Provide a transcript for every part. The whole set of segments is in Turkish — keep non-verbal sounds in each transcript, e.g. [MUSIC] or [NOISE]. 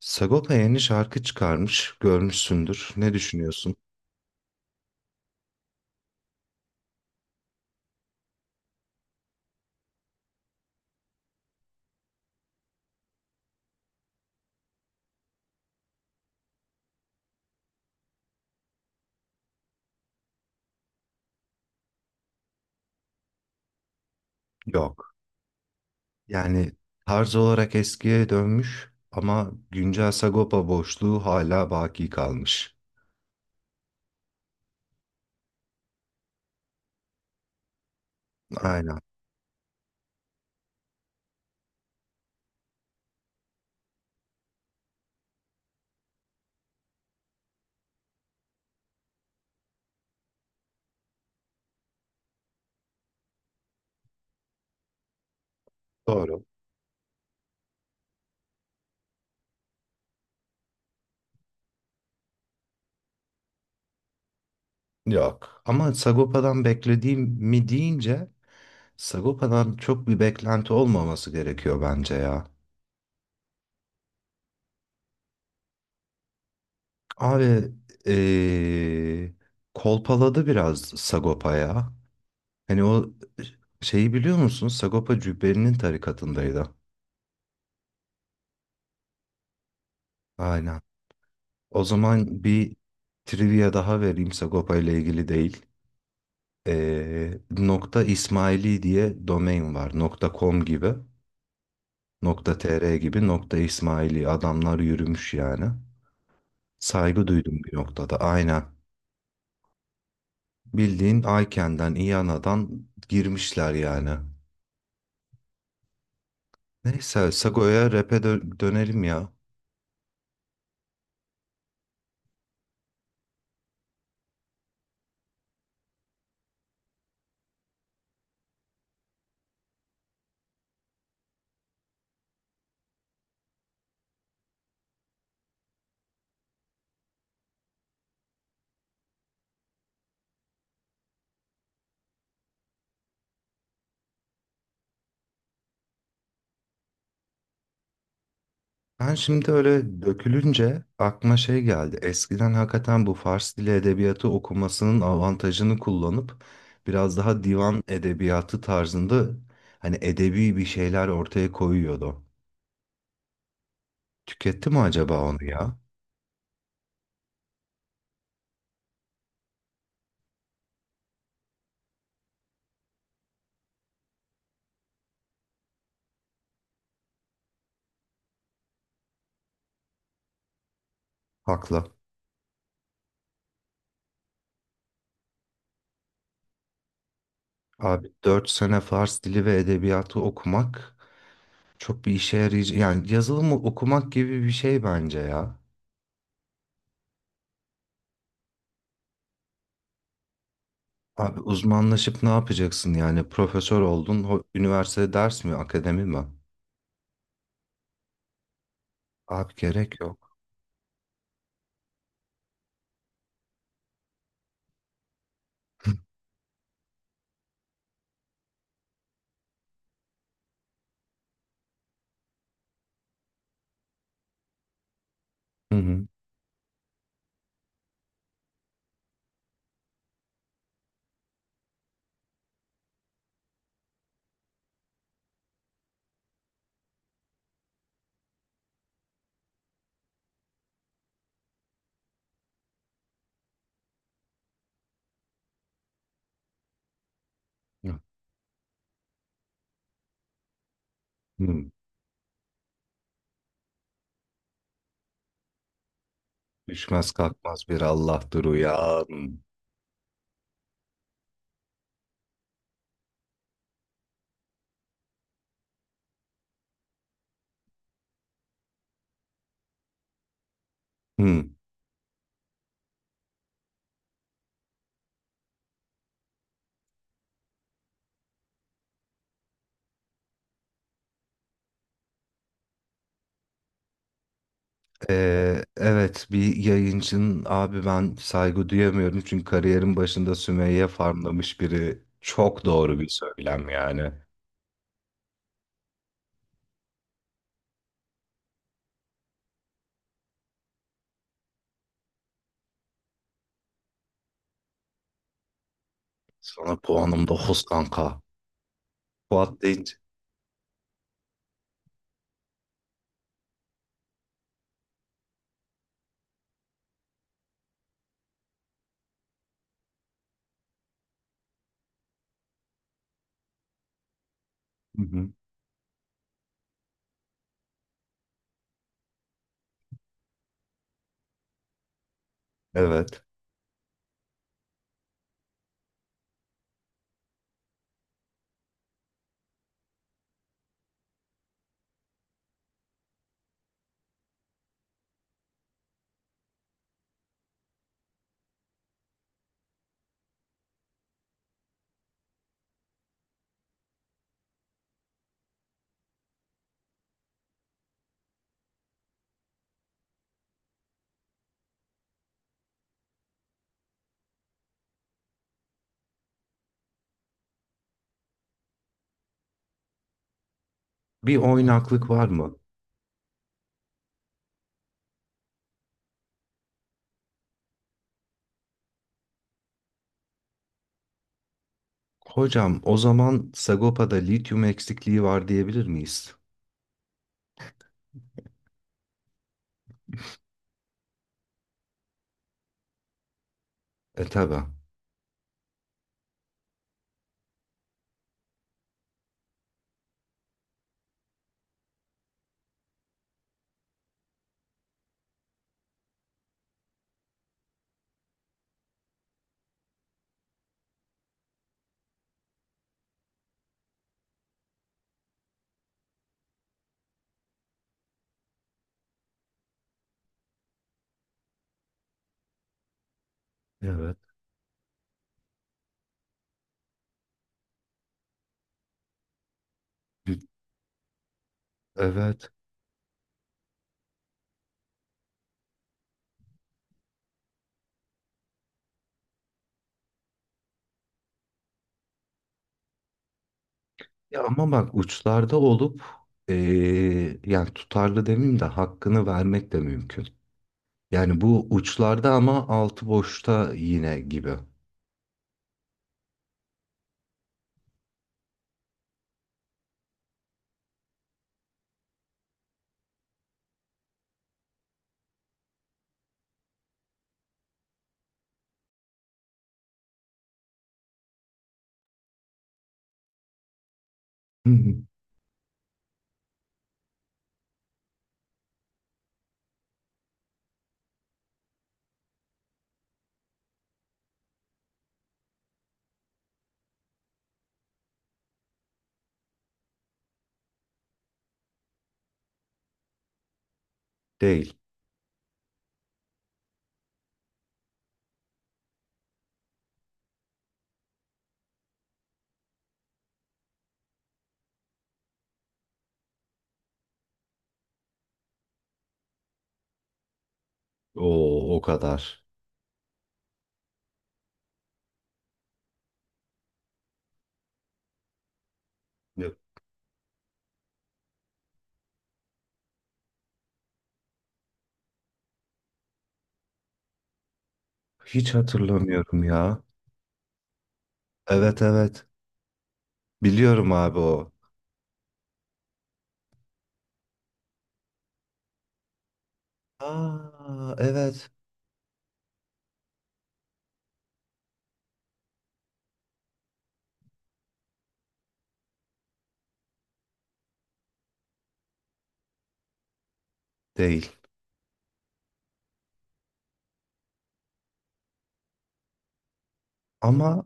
Sagopa yeni şarkı çıkarmış, görmüşsündür. Ne düşünüyorsun? Yok. Yani tarz olarak eskiye dönmüş ama güncel Sagopa boşluğu hala baki kalmış. Aynen. Doğru. Yok. Ama Sagopa'dan beklediğim mi deyince Sagopa'dan çok bir beklenti olmaması gerekiyor bence ya. Abi eee, kolpaladı biraz Sagopa ya. Hani o şeyi biliyor musun? Sagopa Cübbeli'nin tarikatındaydı. Aynen. O zaman bir trivia daha vereyim Sagopa ile ilgili değil. Nokta İsmaili diye domain var. Nokta .com gibi, nokta .tr gibi, nokta İsmaili. Adamlar yürümüş yani. Saygı duydum bir noktada. Aynen. Bildiğin Ayken'den, İyana'dan girmişler yani. Neyse Sago'ya rap'e dönelim ya. Ben şimdi öyle dökülünce aklıma şey geldi. Eskiden hakikaten bu Fars dili edebiyatı okumasının avantajını kullanıp biraz daha divan edebiyatı tarzında hani edebi bir şeyler ortaya koyuyordu. Tüketti mi acaba onu ya? Haklı. Abi dört sene Fars dili ve edebiyatı okumak çok bir işe yarayacak. Yani yazılımı okumak gibi bir şey bence ya. Abi uzmanlaşıp ne yapacaksın yani? Profesör oldun, üniversitede ders mi, akademi mi? Abi gerek yok. Hı hı. Hı. Düşmez kalkmaz bir Allah'tır uyan. Hı. Evet, bir yayıncının abi ben saygı duyamıyorum çünkü kariyerin başında Sümeyye farmlamış biri çok doğru bir söylem yani. Sana puanım dokuz kanka. Fuat deyince. Hı hı. Evet. Bir oynaklık var mı? Hocam o zaman Sagopa'da lityum eksikliği var diyebilir miyiz? E tabi. Evet. Evet. Ya ama bak uçlarda olup yani tutarlı demeyeyim de hakkını vermek de mümkün. Yani bu uçlarda ama altı boşta yine gibi. Hı hı. Değil. O o kadar. Yok. Hiç hatırlamıyorum ya. Evet, evet. Biliyorum abi o. Aa evet. Değil. Ama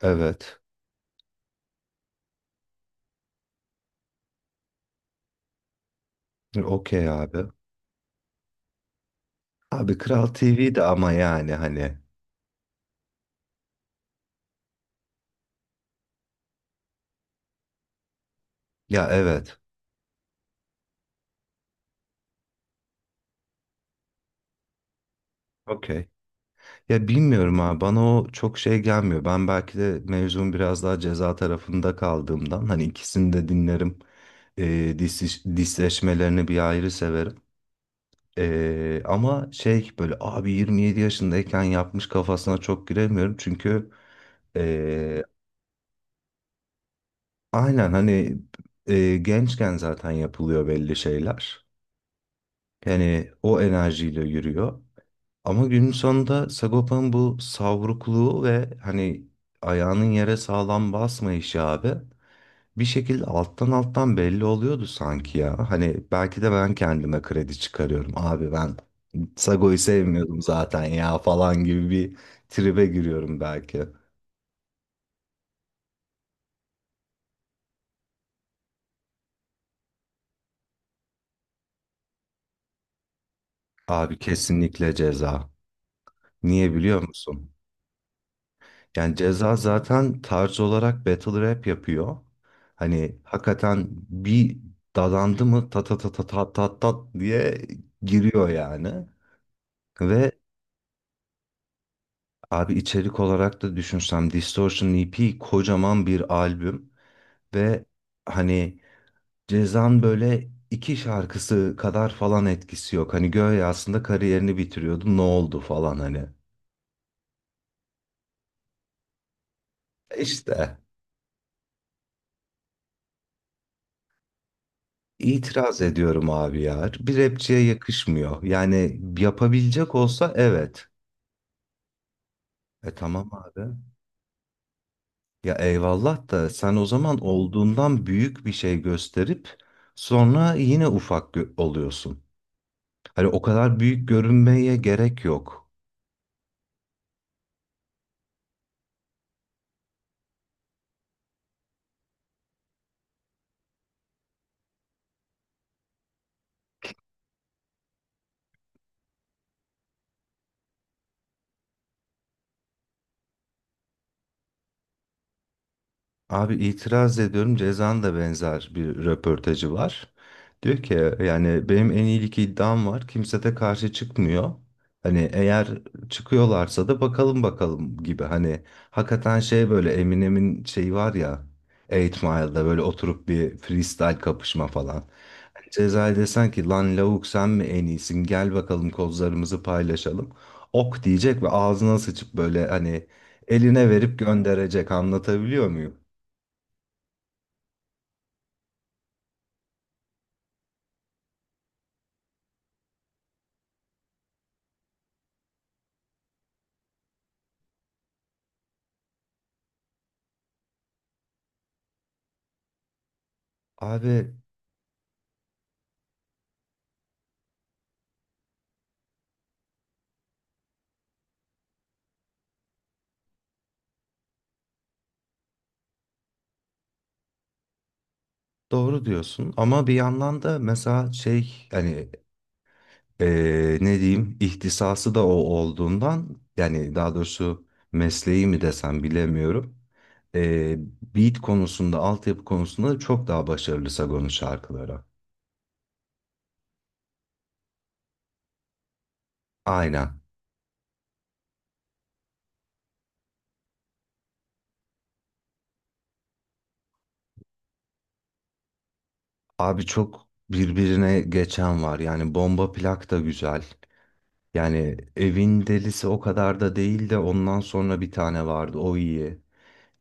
evet. Okey abi. Abi Kral TV'de ama yani hani. Ya evet. Okey. Ya bilmiyorum abi bana o çok şey gelmiyor. Ben belki de mevzum biraz daha ceza tarafında kaldığımdan hani ikisini de dinlerim. Disleşmelerini bir ayrı severim. Ama şey böyle abi 27 yaşındayken yapmış kafasına çok giremiyorum. Çünkü e, aynen hani gençken zaten yapılıyor belli şeyler. Yani o enerjiyle yürüyor. Ama günün sonunda Sagopa'nın bu savrukluğu ve hani ayağının yere sağlam basmayışı abi bir şekilde alttan alttan belli oluyordu sanki ya. Hani belki de ben kendime kredi çıkarıyorum. Abi ben Sago'yu sevmiyordum zaten ya falan gibi bir tribe giriyorum belki. Abi kesinlikle ceza. Niye biliyor musun? Yani Ceza zaten tarz olarak battle rap yapıyor. Hani hakikaten bir dadandı mı ta ta ta ta ta ta ta diye giriyor yani. Ve abi içerik olarak da düşünsem Distortion EP kocaman bir albüm ve hani Ceza'nın böyle iki şarkısı kadar falan etkisi yok. Hani Göğe aslında kariyerini bitiriyordu ne oldu falan hani. İşte. İtiraz ediyorum abi ya. Bir rapçiye yakışmıyor. Yani yapabilecek olsa evet. E tamam abi. Ya eyvallah da sen o zaman olduğundan büyük bir şey gösterip sonra yine ufak oluyorsun. Hani o kadar büyük görünmeye gerek yok. Abi itiraz ediyorum. Ceza'nın da benzer bir röportajı var. Diyor ki yani benim en iyilik iddiam var. Kimse de karşı çıkmıyor. Hani eğer çıkıyorlarsa da bakalım bakalım gibi. Hani hakikaten şey böyle Eminem'in şeyi var ya 8 Mile'da böyle oturup bir freestyle kapışma falan. Hani Ceza'ya desen ki lan lavuk sen mi en iyisin gel bakalım kozlarımızı paylaşalım. Ok diyecek ve ağzına sıçıp böyle hani eline verip gönderecek anlatabiliyor muyum? Abi doğru diyorsun ama bir yandan da mesela şey hani ne diyeyim ihtisası da o olduğundan yani daha doğrusu mesleği mi desem bilemiyorum. Eee Beat konusunda altyapı konusunda da çok daha başarılı Sagon'un şarkıları. Aynen. Abi çok birbirine geçen var yani bomba plak da güzel. Yani evin delisi o kadar da değil de ondan sonra bir tane vardı o iyi.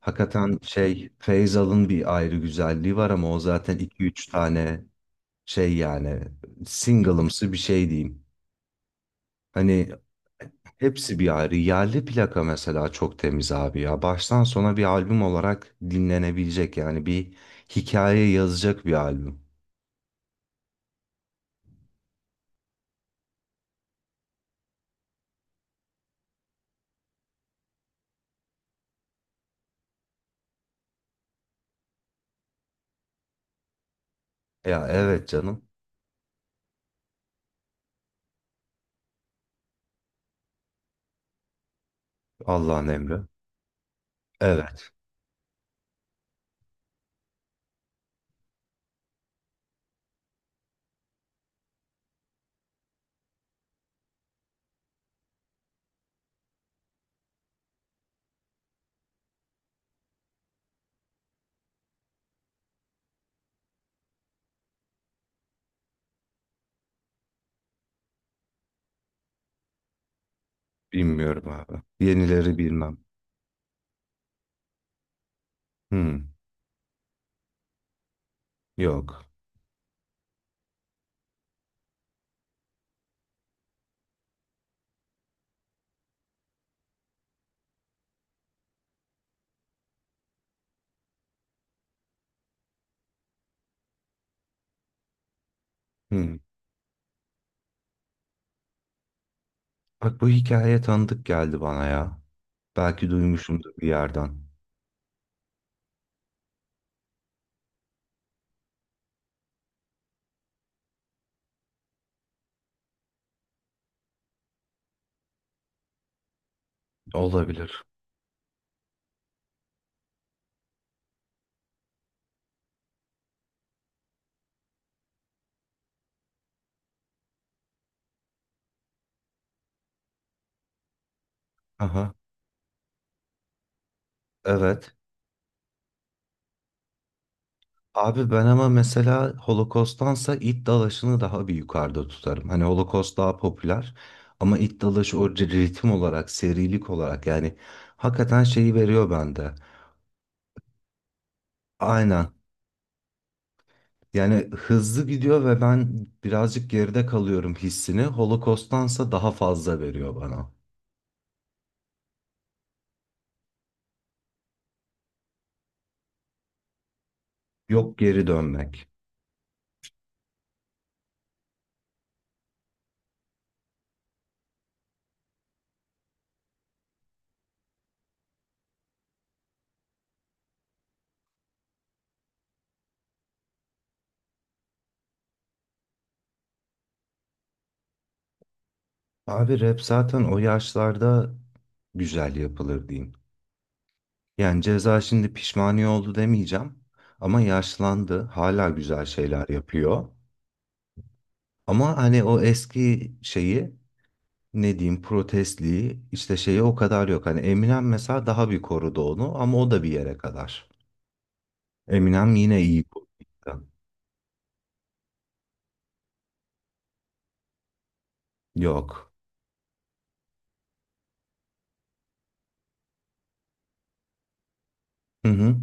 Hakikaten şey Feyzal'ın bir ayrı güzelliği var ama o zaten iki üç tane şey yani single'ımsı bir şey diyeyim. Hani hepsi bir ayrı. Yerli plaka mesela çok temiz abi ya. Baştan sona bir albüm olarak dinlenebilecek yani bir hikaye yazacak bir albüm. Ya evet canım. Allah'ın emri. Evet. Bilmiyorum abi. Yenileri bilmem. Hmm, yok. Hmm. Bak bu hikaye tanıdık geldi bana ya. Belki duymuşumdur bir yerden. Olabilir. Aha, evet. Abi ben ama mesela Holocaust'tansa it dalaşını daha bir yukarıda tutarım. Hani Holocaust daha popüler ama it dalaşı o ritim olarak, serilik olarak yani hakikaten şeyi veriyor bende. Aynen. Yani hızlı gidiyor ve ben birazcık geride kalıyorum hissini. Holocaust'tansa daha fazla veriyor bana. Yok geri dönmek. Abi rap zaten o yaşlarda güzel yapılır diyeyim. Yani Ceza şimdi pişmaniye oldu demeyeceğim ama yaşlandı, hala güzel şeyler yapıyor. Ama hani o eski şeyi ne diyeyim protestliği işte şeyi o kadar yok. Hani Eminem mesela daha bir korudu onu ama o da bir yere kadar. Eminem yine iyi korudu. Yok. Hı hı.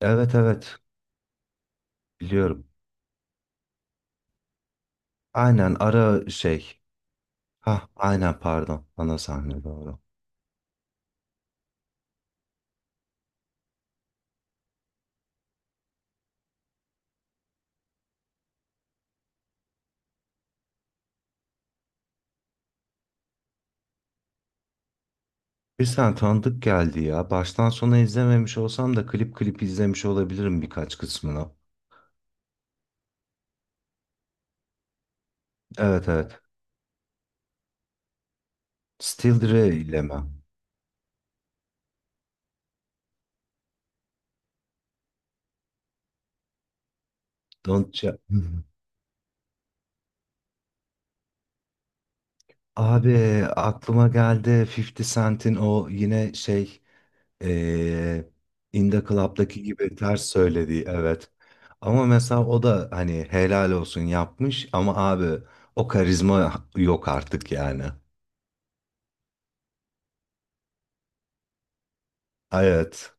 Evet, evet biliyorum. Aynen ara şey. Ha aynen pardon ana sahne doğru. Bir sen tanıdık geldi ya. Baştan sona izlememiş olsam da klip klip izlemiş olabilirim birkaç kısmını. Evet, evet. Still Dre ile mi? Don't Cha- [LAUGHS] Abi aklıma geldi 50 Cent'in o yine şey eee In The Club'daki gibi ters söylediği evet. Ama mesela o da hani helal olsun yapmış ama abi o karizma yok artık yani. Evet.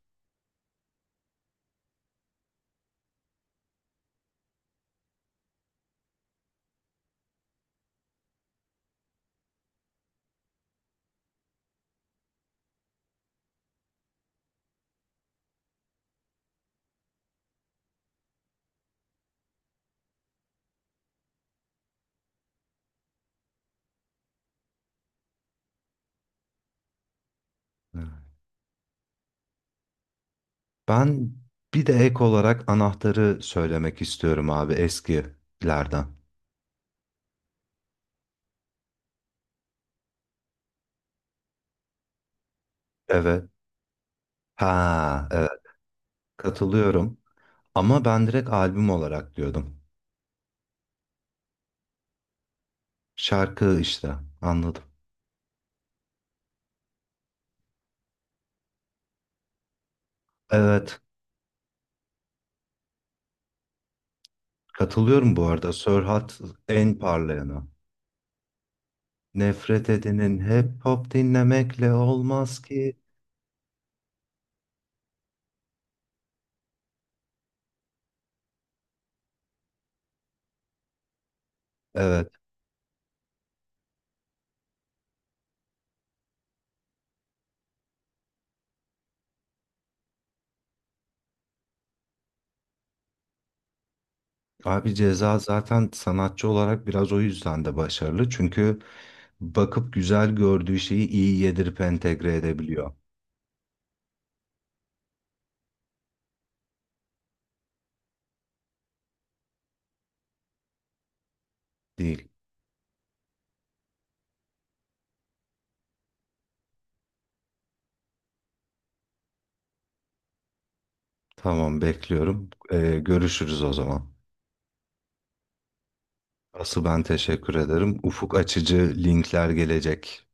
Ben bir de ek olarak anahtarı söylemek istiyorum abi eskilerden. Evet. Ha, evet. Katılıyorum. Ama ben direkt albüm olarak diyordum. Şarkı işte. Anladım. Evet. Katılıyorum bu arada. Sörhat en parlayanı. Nefret edinin hep hop dinlemekle olmaz ki. Evet. Abi Ceza zaten sanatçı olarak biraz o yüzden de başarılı. Çünkü bakıp güzel gördüğü şeyi iyi yedirip entegre edebiliyor. Değil. Tamam bekliyorum. Görüşürüz o zaman. Asıl ben teşekkür ederim. Ufuk açıcı linkler gelecek.